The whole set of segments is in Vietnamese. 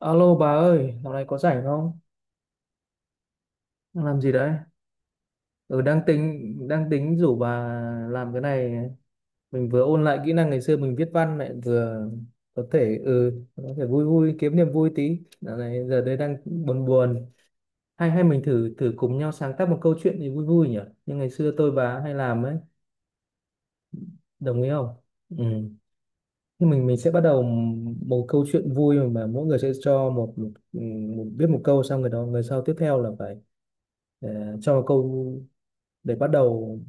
Alo bà ơi, dạo này có rảnh không? Đang làm gì đấy? Ừ, đang tính đang tính rủ bà làm cái này. Mình vừa ôn lại kỹ năng ngày xưa mình viết văn, lại vừa có thể có thể vui vui, kiếm niềm vui tí. Dạo này giờ đây đang buồn buồn. Hay hay mình thử thử cùng nhau sáng tác một câu chuyện gì vui vui nhỉ? Như ngày xưa tôi bà hay làm ấy, đồng ý không? Ừ. Thì mình sẽ bắt đầu một câu chuyện vui, mà mỗi người sẽ cho một, một, một viết một câu, xong người đó, người sau tiếp theo là phải ờ, cho một câu để bắt đầu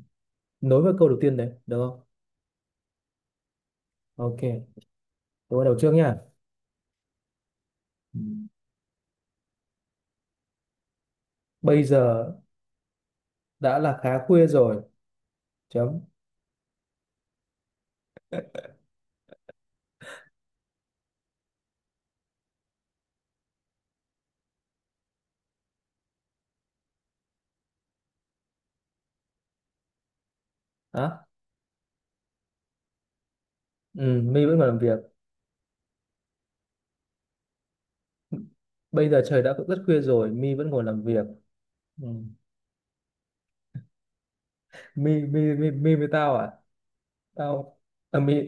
nối với câu đầu tiên đấy, được không? Ok, tôi bắt đầu trước nha. Ừ. Bây giờ đã là khá khuya rồi, chấm. Á. Ừ, My vẫn còn làm việc. Bây giờ trời đã rất khuya rồi, My vẫn ngồi làm việc. Ừ. My với tao à? Tao à, My.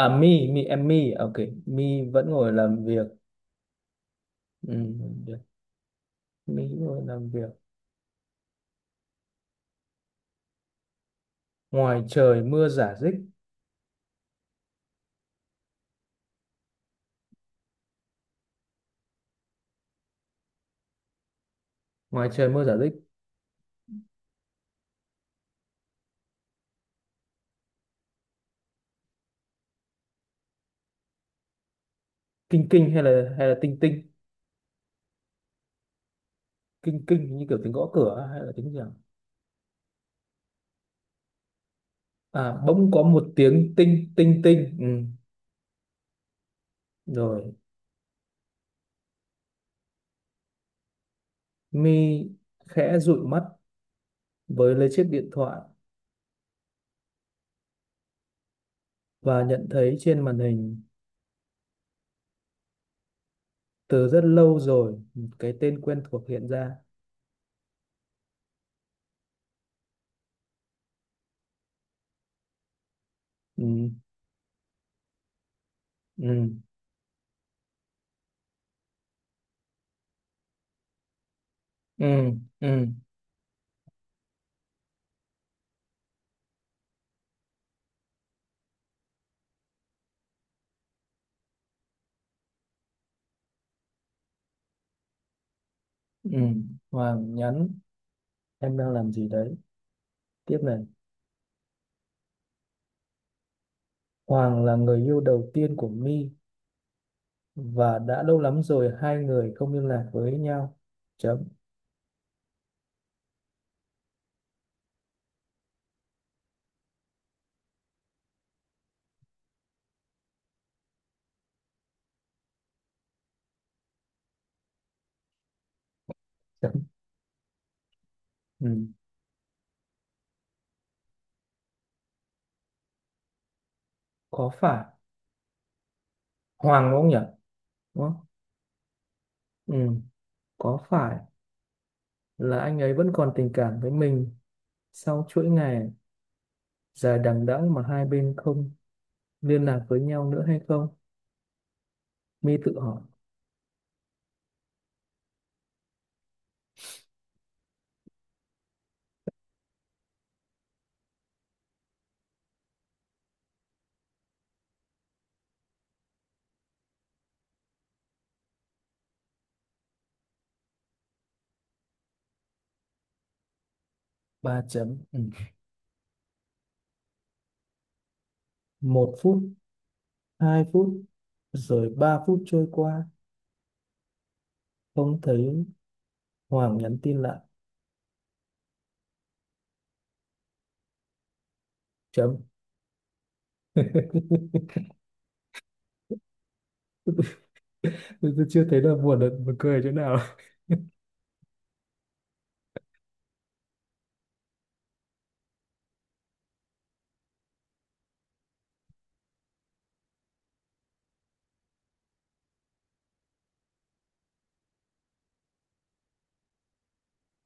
À My. Ok, My vẫn ngồi làm việc. Ừ. Được. My vẫn ngồi làm việc, ngoài trời mưa rả rích, ngoài trời mưa rả rích. Kinh kinh hay là tinh tinh? Kinh kinh như kiểu tiếng gõ cửa hay là tiếng gì à? À, bỗng có một tiếng tinh tinh tinh. Ừ. Rồi mi khẽ dụi mắt, với lấy chiếc điện thoại và nhận thấy trên màn hình, từ rất lâu rồi, một cái tên quen thuộc hiện ra. Ừ. Ừ. Ừ. Ừ. Ừ. Hoàng nhắn, em đang làm gì đấy. Tiếp này, Hoàng là người yêu đầu tiên của mi, và đã lâu lắm rồi hai người không liên lạc với nhau, chấm. Chấm. Ừ. Có phải Hoàng đúng không nhỉ, đúng không? Ừ. Có phải là anh ấy vẫn còn tình cảm với mình sau chuỗi ngày dài đằng đẵng mà hai bên không liên lạc với nhau nữa hay không? My tự hỏi. Ba chấm. Ừ. Một phút, hai phút, rồi ba phút trôi qua, không thấy Hoàng nhắn tin lại. Chấm. Tôi chưa thấy là buồn cười chỗ nào.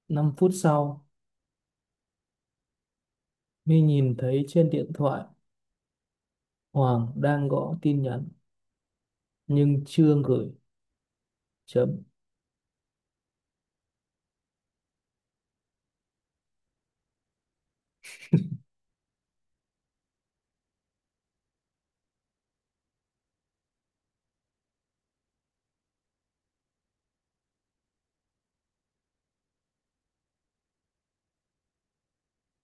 Năm phút sau, My nhìn thấy trên điện thoại Hoàng đang gõ tin nhắn nhưng chưa gửi. Chấm.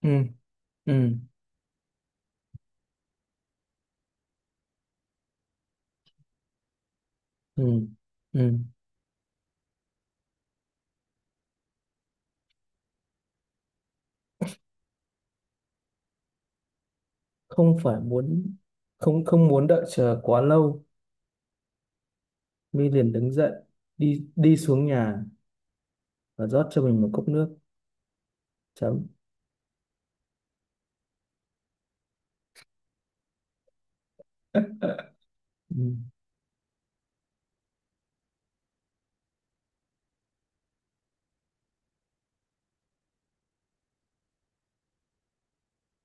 Ừ. Ừ. Ừ. Ừ. không phải muốn không không muốn đợi chờ quá lâu, My liền đứng dậy, đi đi xuống nhà và rót cho mình một cốc nước, chấm. Ừ.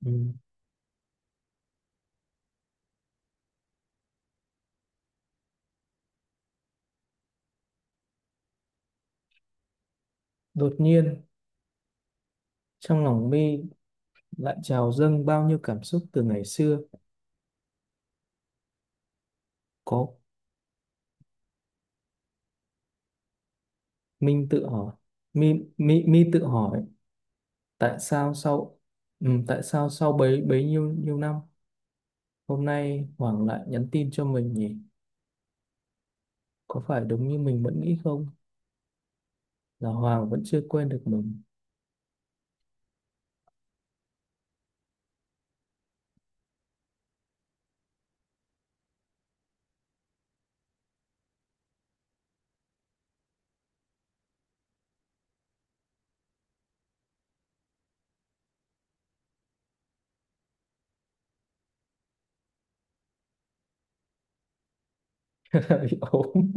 Ừ. Đột nhiên trong lòng My lại trào dâng bao nhiêu cảm xúc từ ngày xưa. Có, Minh tự hỏi, My tự hỏi, tại sao sau— ừ, tại sao sau bấy bấy nhiêu nhiêu năm hôm nay Hoàng lại nhắn tin cho mình nhỉ? Có phải đúng như mình vẫn nghĩ không, là Hoàng vẫn chưa quên được mình? Bị ốm.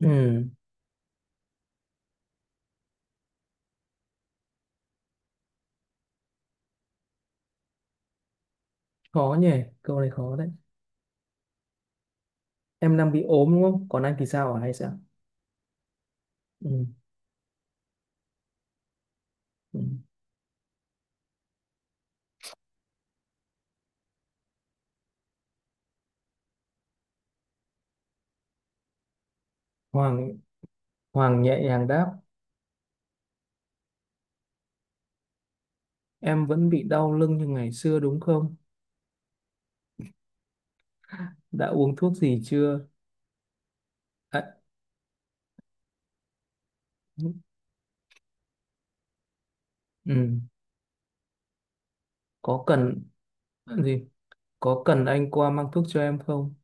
Ừ, khó nhỉ, câu này khó đấy. Em đang bị ốm đúng không? Còn anh thì sao hả hay sao? Ừ. Ừ. Hoàng Hoàng nhẹ nhàng đáp, em vẫn bị đau lưng như ngày xưa đúng không? Đã uống thuốc gì chưa? À, ừ. Có cần gì? Có cần anh qua mang thuốc cho em không?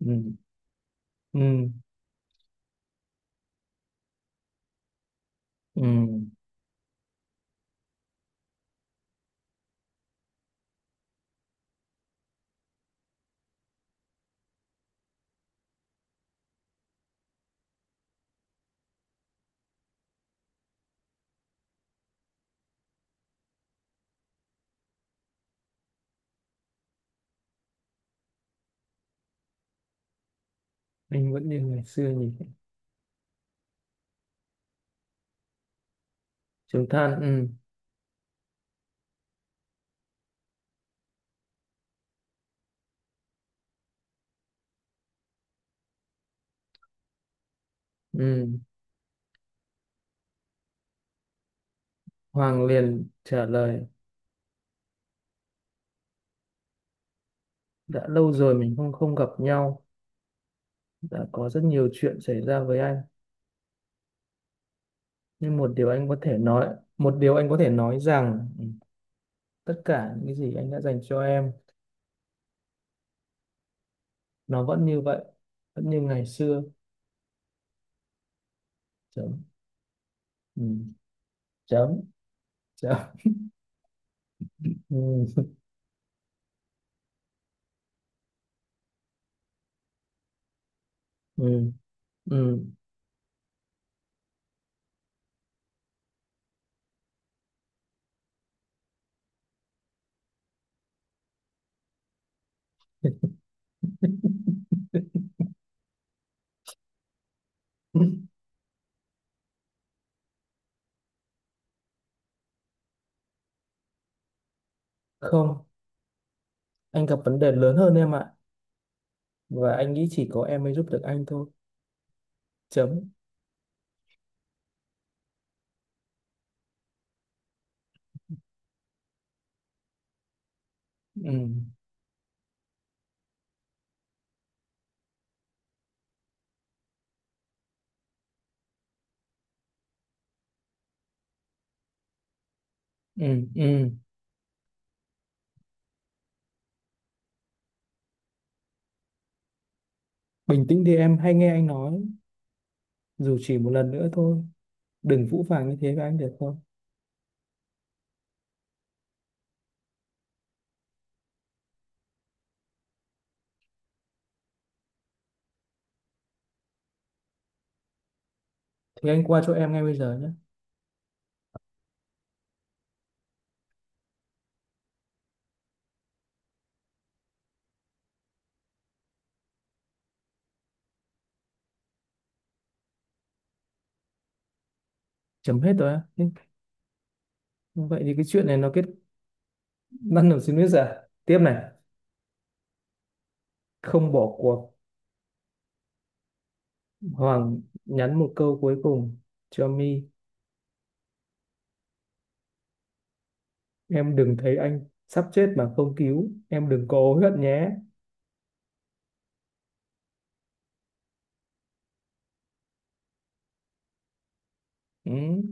Ừ. Ừ. Ừ. Anh vẫn như ngày xưa nhỉ? Chúng than, ừ. Ừ. Hoàng liền trả lời, đã lâu rồi mình không không gặp nhau, đã có rất nhiều chuyện xảy ra với anh. Nhưng một điều anh có thể nói, một điều anh có thể nói rằng tất cả những cái gì anh đã dành cho em, nó vẫn như vậy, vẫn như ngày xưa. Chấm. Ừ. Chấm. Chấm. Ừ. Ừ. Ừ. Không, anh gặp vấn đề lớn hơn em ạ. Và anh nghĩ chỉ có em mới giúp được anh thôi. Chấm. Ừ. Ừ. Ừ. Bình tĩnh đi em, hãy nghe anh nói, dù chỉ một lần nữa thôi. Đừng phũ phàng như thế với anh được không? Thì anh qua chỗ em ngay bây giờ nhé. Chấm hết rồi á. Thế vậy thì cái chuyện này nó kết— bắt đầu xin biết à? Tiếp này. Không bỏ cuộc. Hoàng nhắn một câu cuối cùng cho My. Em đừng thấy anh sắp chết mà không cứu. Em đừng có hối hận nhé. Ừ.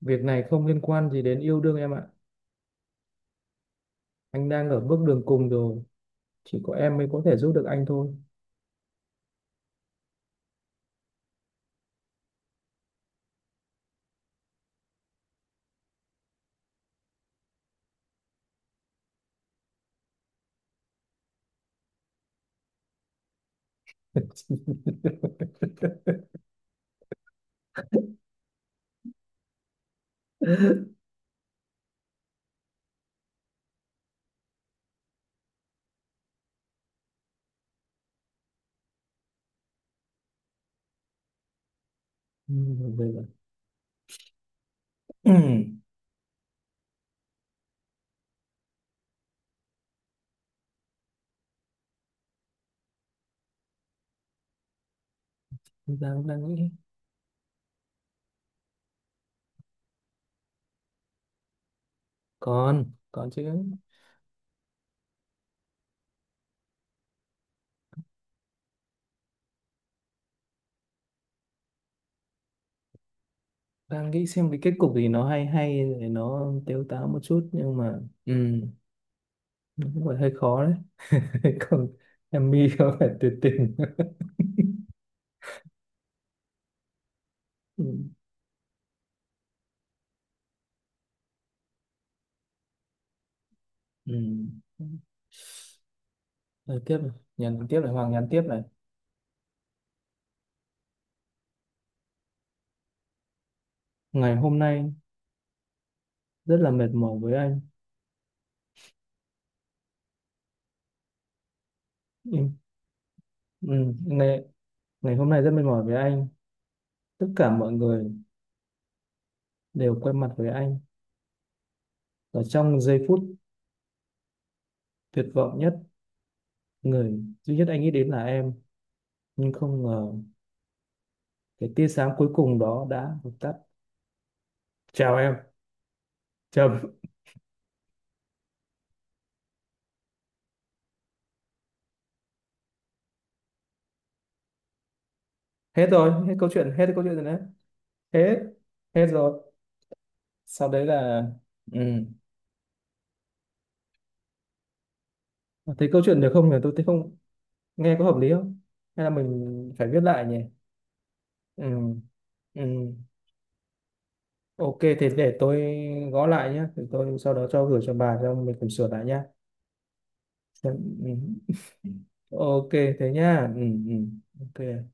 Việc này không liên quan gì đến yêu đương em ạ. Anh đang ở bước đường cùng rồi. Chỉ có em mới có thể giúp được anh thôi. Ừ, bây giờ— đang đang nghĩ, còn còn chứ, đang nghĩ xem cái kết cục gì nó hay hay để nó tếu táo một chút, nhưng mà ừ. Đúng rồi, hơi khó đấy. Còn em mi không phải tuyệt tình. Ừ. Ừ. Rồi, tiếp này. Hoàng nhắn tiếp này. Ngày hôm nay rất là mệt mỏi với anh. Ừ. Ừ. Ngày hôm nay rất mệt mỏi với anh, tất cả mọi người đều quay mặt với anh, và trong giây phút tuyệt vọng nhất, người duy nhất anh nghĩ đến là em, nhưng không ngờ cái tia sáng cuối cùng đó đã vụt tắt. Chào em, chấm. Hết rồi, hết câu chuyện rồi đấy. Hết. Hết rồi. Sau đấy là ừ. Thấy câu chuyện được không nhỉ? Tôi thấy, không nghe có hợp lý không? Hay là mình phải viết lại nhỉ? Ừ, ừ. Ok, thế để tôi gõ lại nhé. Thì tôi sau đó cho gửi cho bà, xong mình cùng sửa lại nhá. Ừ. Ok, thế nhá. Ừ, ừ. Ok.